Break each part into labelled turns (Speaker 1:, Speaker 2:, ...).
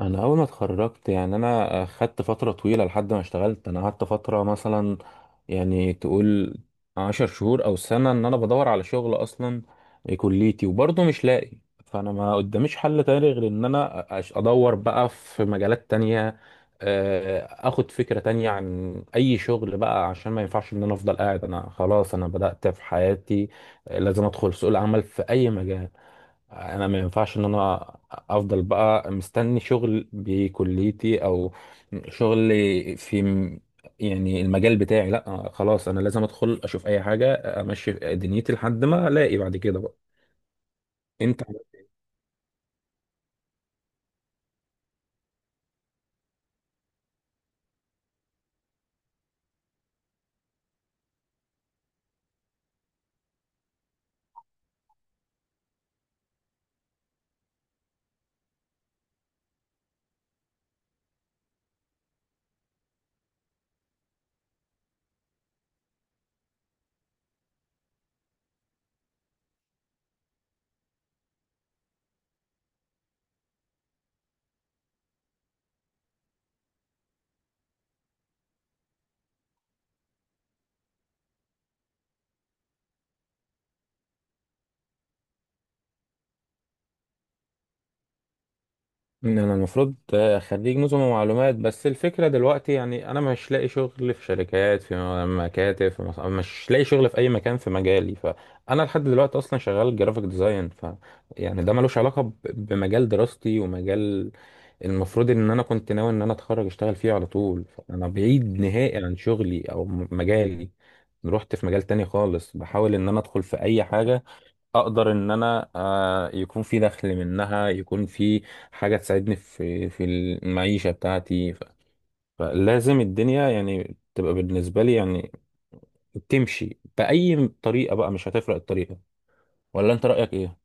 Speaker 1: انا اول ما اتخرجت يعني انا خدت فتره طويله لحد ما اشتغلت. انا قعدت فتره مثلا يعني تقول 10 شهور او سنه ان انا بدور على شغل اصلا كليتي وبرضه مش لاقي. فانا ما قداميش حل تاني غير ان انا ادور بقى في مجالات تانية، اخد فكره تانية عن اي شغل بقى عشان ما ينفعش ان انا افضل قاعد. انا خلاص انا بدات في حياتي، لازم ادخل سوق العمل في اي مجال. انا ما ينفعش ان انا افضل بقى مستني شغل بكليتي او شغل في م- يعني المجال بتاعي، لا خلاص انا لازم ادخل اشوف اي حاجة امشي دنيتي لحد ما الاقي بعد كده بقى. انت ان انا المفروض خريج نظم ومعلومات، بس الفكره دلوقتي يعني انا مش لاقي شغل في شركات في مكاتب مش لاقي شغل في اي مكان في مجالي. فانا لحد دلوقتي اصلا شغال جرافيك ديزاين، يعني ده ملوش علاقه بمجال دراستي، ومجال المفروض ان انا كنت ناوي ان انا اتخرج اشتغل فيه على طول. فانا بعيد نهائي عن شغلي او مجالي، رحت في مجال تاني خالص بحاول ان انا ادخل في اي حاجه اقدر ان انا يكون في دخل منها، يكون في حاجه تساعدني في المعيشه بتاعتي. فلازم الدنيا يعني تبقى بالنسبه لي، يعني تمشي باي طريقه بقى، مش هتفرق الطريقه. ولا انت رايك ايه؟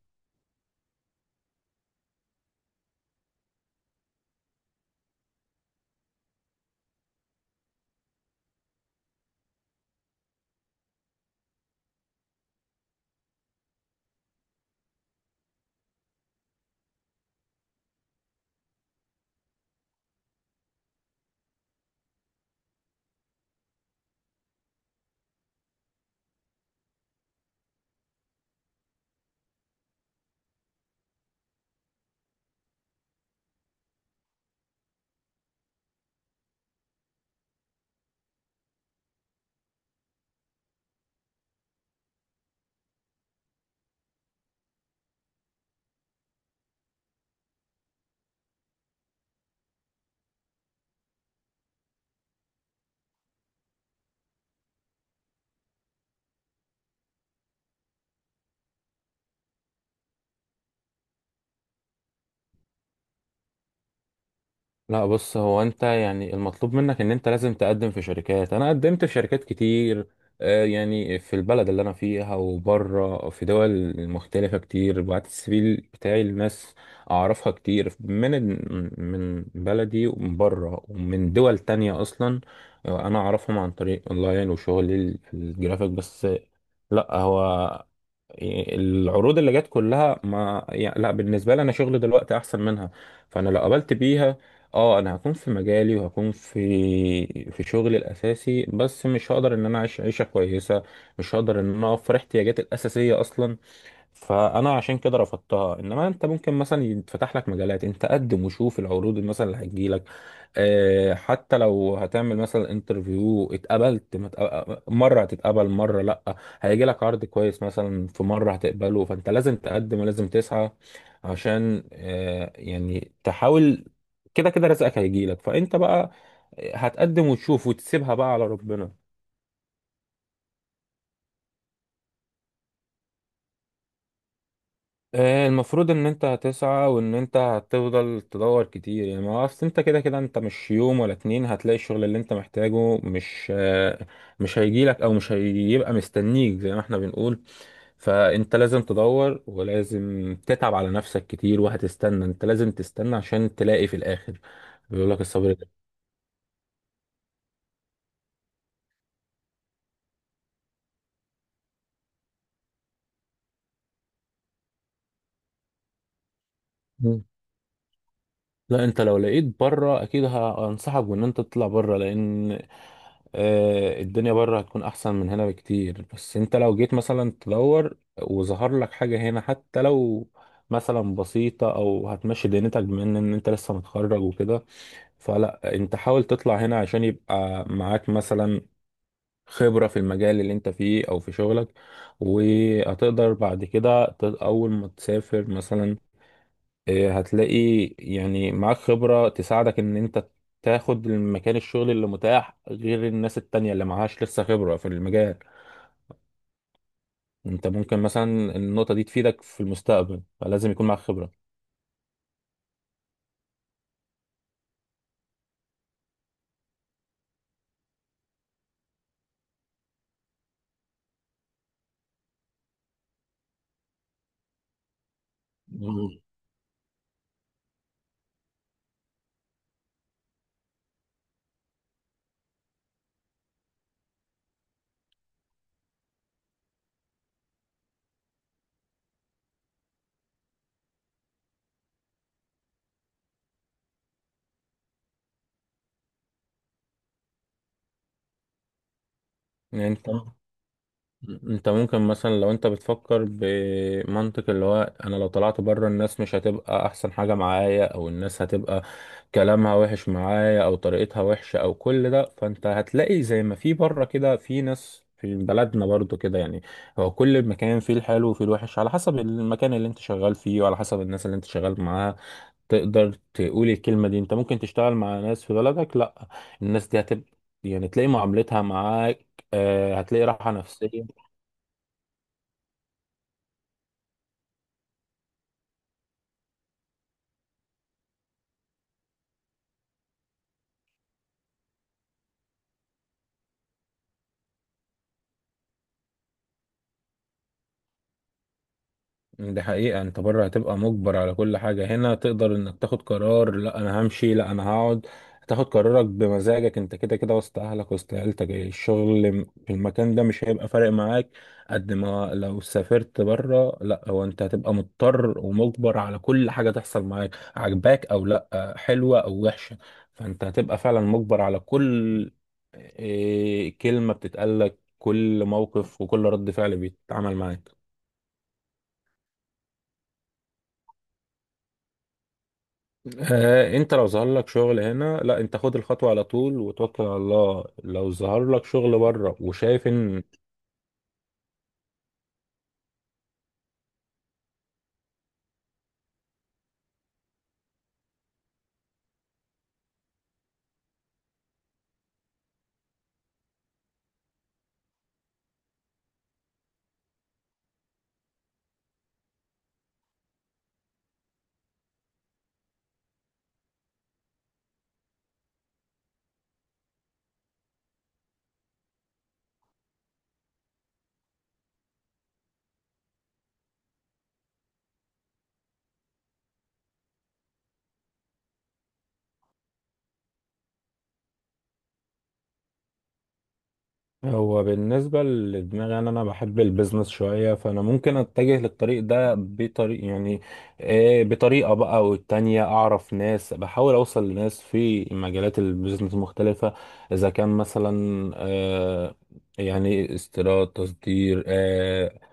Speaker 1: لا بص، هو انت يعني المطلوب منك ان انت لازم تقدم في شركات. انا قدمت في شركات كتير، يعني في البلد اللي انا فيها وبره في دول مختلفة كتير. بعت السي في بتاعي لناس اعرفها كتير من بلدي ومن بره ومن دول تانية اصلا، انا اعرفهم عن طريق اونلاين وشغلي في الجرافيك بس. لا، هو العروض اللي جت كلها ما يعني لا بالنسبه لي، انا شغل دلوقتي احسن منها. فانا لو قبلت بيها اه انا هكون في مجالي وهكون في شغلي الاساسي، بس مش هقدر ان انا اعيش عيشه كويسه، مش هقدر ان انا اوفر احتياجاتي الاساسيه اصلا. فانا عشان كده رفضتها. انما انت ممكن مثلا يتفتح لك مجالات، انت قدم وشوف العروض اللي مثلا اللي هتجيلك، حتى لو هتعمل مثلا انترفيو، اتقبلت ما اتق- مره هتتقبل مره لا، هيجي لك عرض كويس مثلا في مره هتقبله. فانت لازم تقدم ولازم تسعى عشان يعني تحاول، كده كده رزقك هيجي لك. فانت بقى هتقدم وتشوف وتسيبها بقى على ربنا. المفروض ان انت هتسعى وان انت هتفضل تدور كتير، يعني ما هو اصل انت كده كده انت مش يوم ولا اتنين هتلاقي الشغل اللي انت محتاجه، مش مش هيجيلك او مش هيبقى مستنيك زي ما احنا بنقول. فانت لازم تدور ولازم تتعب على نفسك كتير وهتستنى، انت لازم تستنى عشان تلاقي في الاخر. بيقول لك الصبر ده. لا انت لو لقيت بره اكيد هنصحك بان انت تطلع بره، لان الدنيا بره هتكون احسن من هنا بكتير. بس انت لو جيت مثلا تدور وظهر لك حاجة هنا، حتى لو مثلا بسيطة او هتمشي دنيتك، بما ان إن انت لسه متخرج وكده، فلا انت حاول تطلع هنا عشان يبقى معاك مثلا خبرة في المجال اللي انت فيه او في شغلك. وهتقدر بعد كده اول ما تسافر مثلا هتلاقي يعني معاك خبرة تساعدك ان انت تاخد المكان، الشغل اللي متاح، غير الناس التانية اللي معهاش لسه خبرة في المجال. انت ممكن مثلا النقطة دي تفيدك في المستقبل، فلازم يكون معاك خبرة. مم. يعني انت ممكن مثلا لو انت بتفكر بمنطق اللي هو انا لو طلعت بره الناس مش هتبقى احسن حاجة معايا، او الناس هتبقى كلامها وحش معايا او طريقتها وحشة او كل ده، فانت هتلاقي زي ما في بره كده في ناس في بلدنا برضو كده. يعني هو كل مكان فيه الحلو وفيه الوحش، على حسب المكان اللي انت شغال فيه وعلى حسب الناس اللي انت شغال معاها. تقدر تقول الكلمة دي، انت ممكن تشتغل مع ناس في بلدك لا الناس دي هتبقى يعني تلاقي معاملتها معاك، هتلاقي راحة نفسية. دي حقيقة، انت بره هتبقى مجبر على كل حاجة. هنا تقدر انك تاخد قرار لا انا همشي لا انا هقعد، تاخد قرارك بمزاجك، انت كده كده وسط اهلك وسط عيلتك، الشغل في المكان ده مش هيبقى فارق معاك قد ما لو سافرت بره. لا، هو انت هتبقى مضطر ومجبر على كل حاجة تحصل معاك، عجباك او لا، حلوة او وحشة. فانت هتبقى فعلا مجبر على كل كلمة بتتقالك، كل موقف وكل رد فعل بيتعمل معاك. انت لو ظهر لك شغل هنا، لا انت خد الخطوة على طول وتوكل على الله. لو ظهر لك شغل بره وشايف ان، هو بالنسبة لدماغي انا بحب البيزنس شوية، فانا ممكن اتجه للطريق ده بطريق يعني، بطريقة بقى. والتانية اعرف ناس، بحاول اوصل لناس في مجالات البيزنس مختلفة، اذا كان مثلا يعني استيراد تصدير،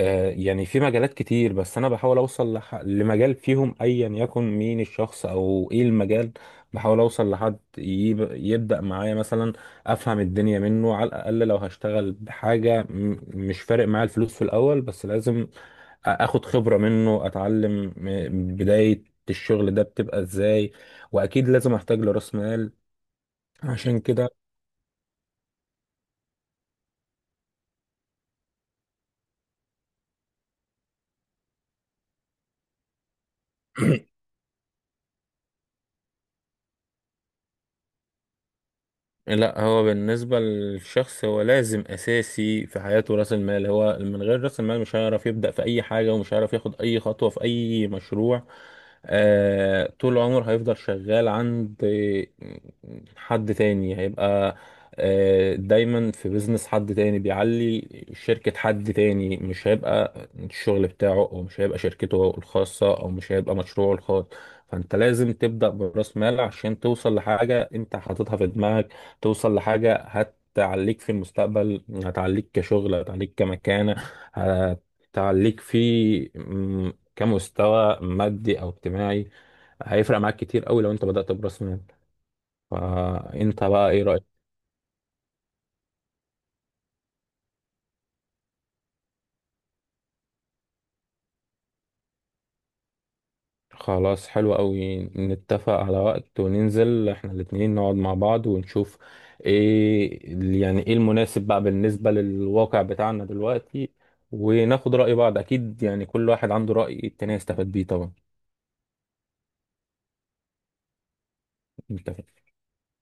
Speaker 1: يعني في مجالات كتير. بس انا بحاول اوصل لمجال فيهم ايا يكن مين الشخص او ايه المجال، بحاول اوصل لحد يبدأ معايا مثلا، افهم الدنيا منه على الاقل. لو هشتغل بحاجة مش فارق معايا الفلوس في الاول، بس لازم اخد خبرة منه، اتعلم بداية الشغل ده بتبقى ازاي. واكيد لازم احتاج لراس مال، عشان كده لا هو بالنسبة للشخص هو لازم أساسي في حياته رأس المال. هو من غير رأس المال مش هيعرف يبدأ في أي حاجة ومش هيعرف ياخد أي خطوة في أي مشروع، طول عمره هيفضل شغال عند حد تاني. هيبقى دايما في بيزنس حد تاني، بيعلي شركة حد تاني، مش هيبقى الشغل بتاعه أو مش هيبقى شركته الخاصة أو مش هيبقى مشروعه الخاص. فانت لازم تبدأ برأس مال عشان توصل لحاجة انت حاططها في دماغك، توصل لحاجة هتعليك في المستقبل، هتعليك كشغل، هتعليك كمكانة، هتعليك كمستوى مادي أو اجتماعي. هيفرق معاك كتير قوي لو انت بدأت برأس مال. فانت بقى ايه رأيك؟ خلاص، حلو قوي، نتفق على وقت وننزل احنا الاتنين نقعد مع بعض ونشوف ايه، يعني ايه المناسب بقى بالنسبة للواقع بتاعنا دلوقتي، وناخد رأي بعض اكيد، يعني كل واحد عنده رأي التاني يستفاد بيه طبعا. انت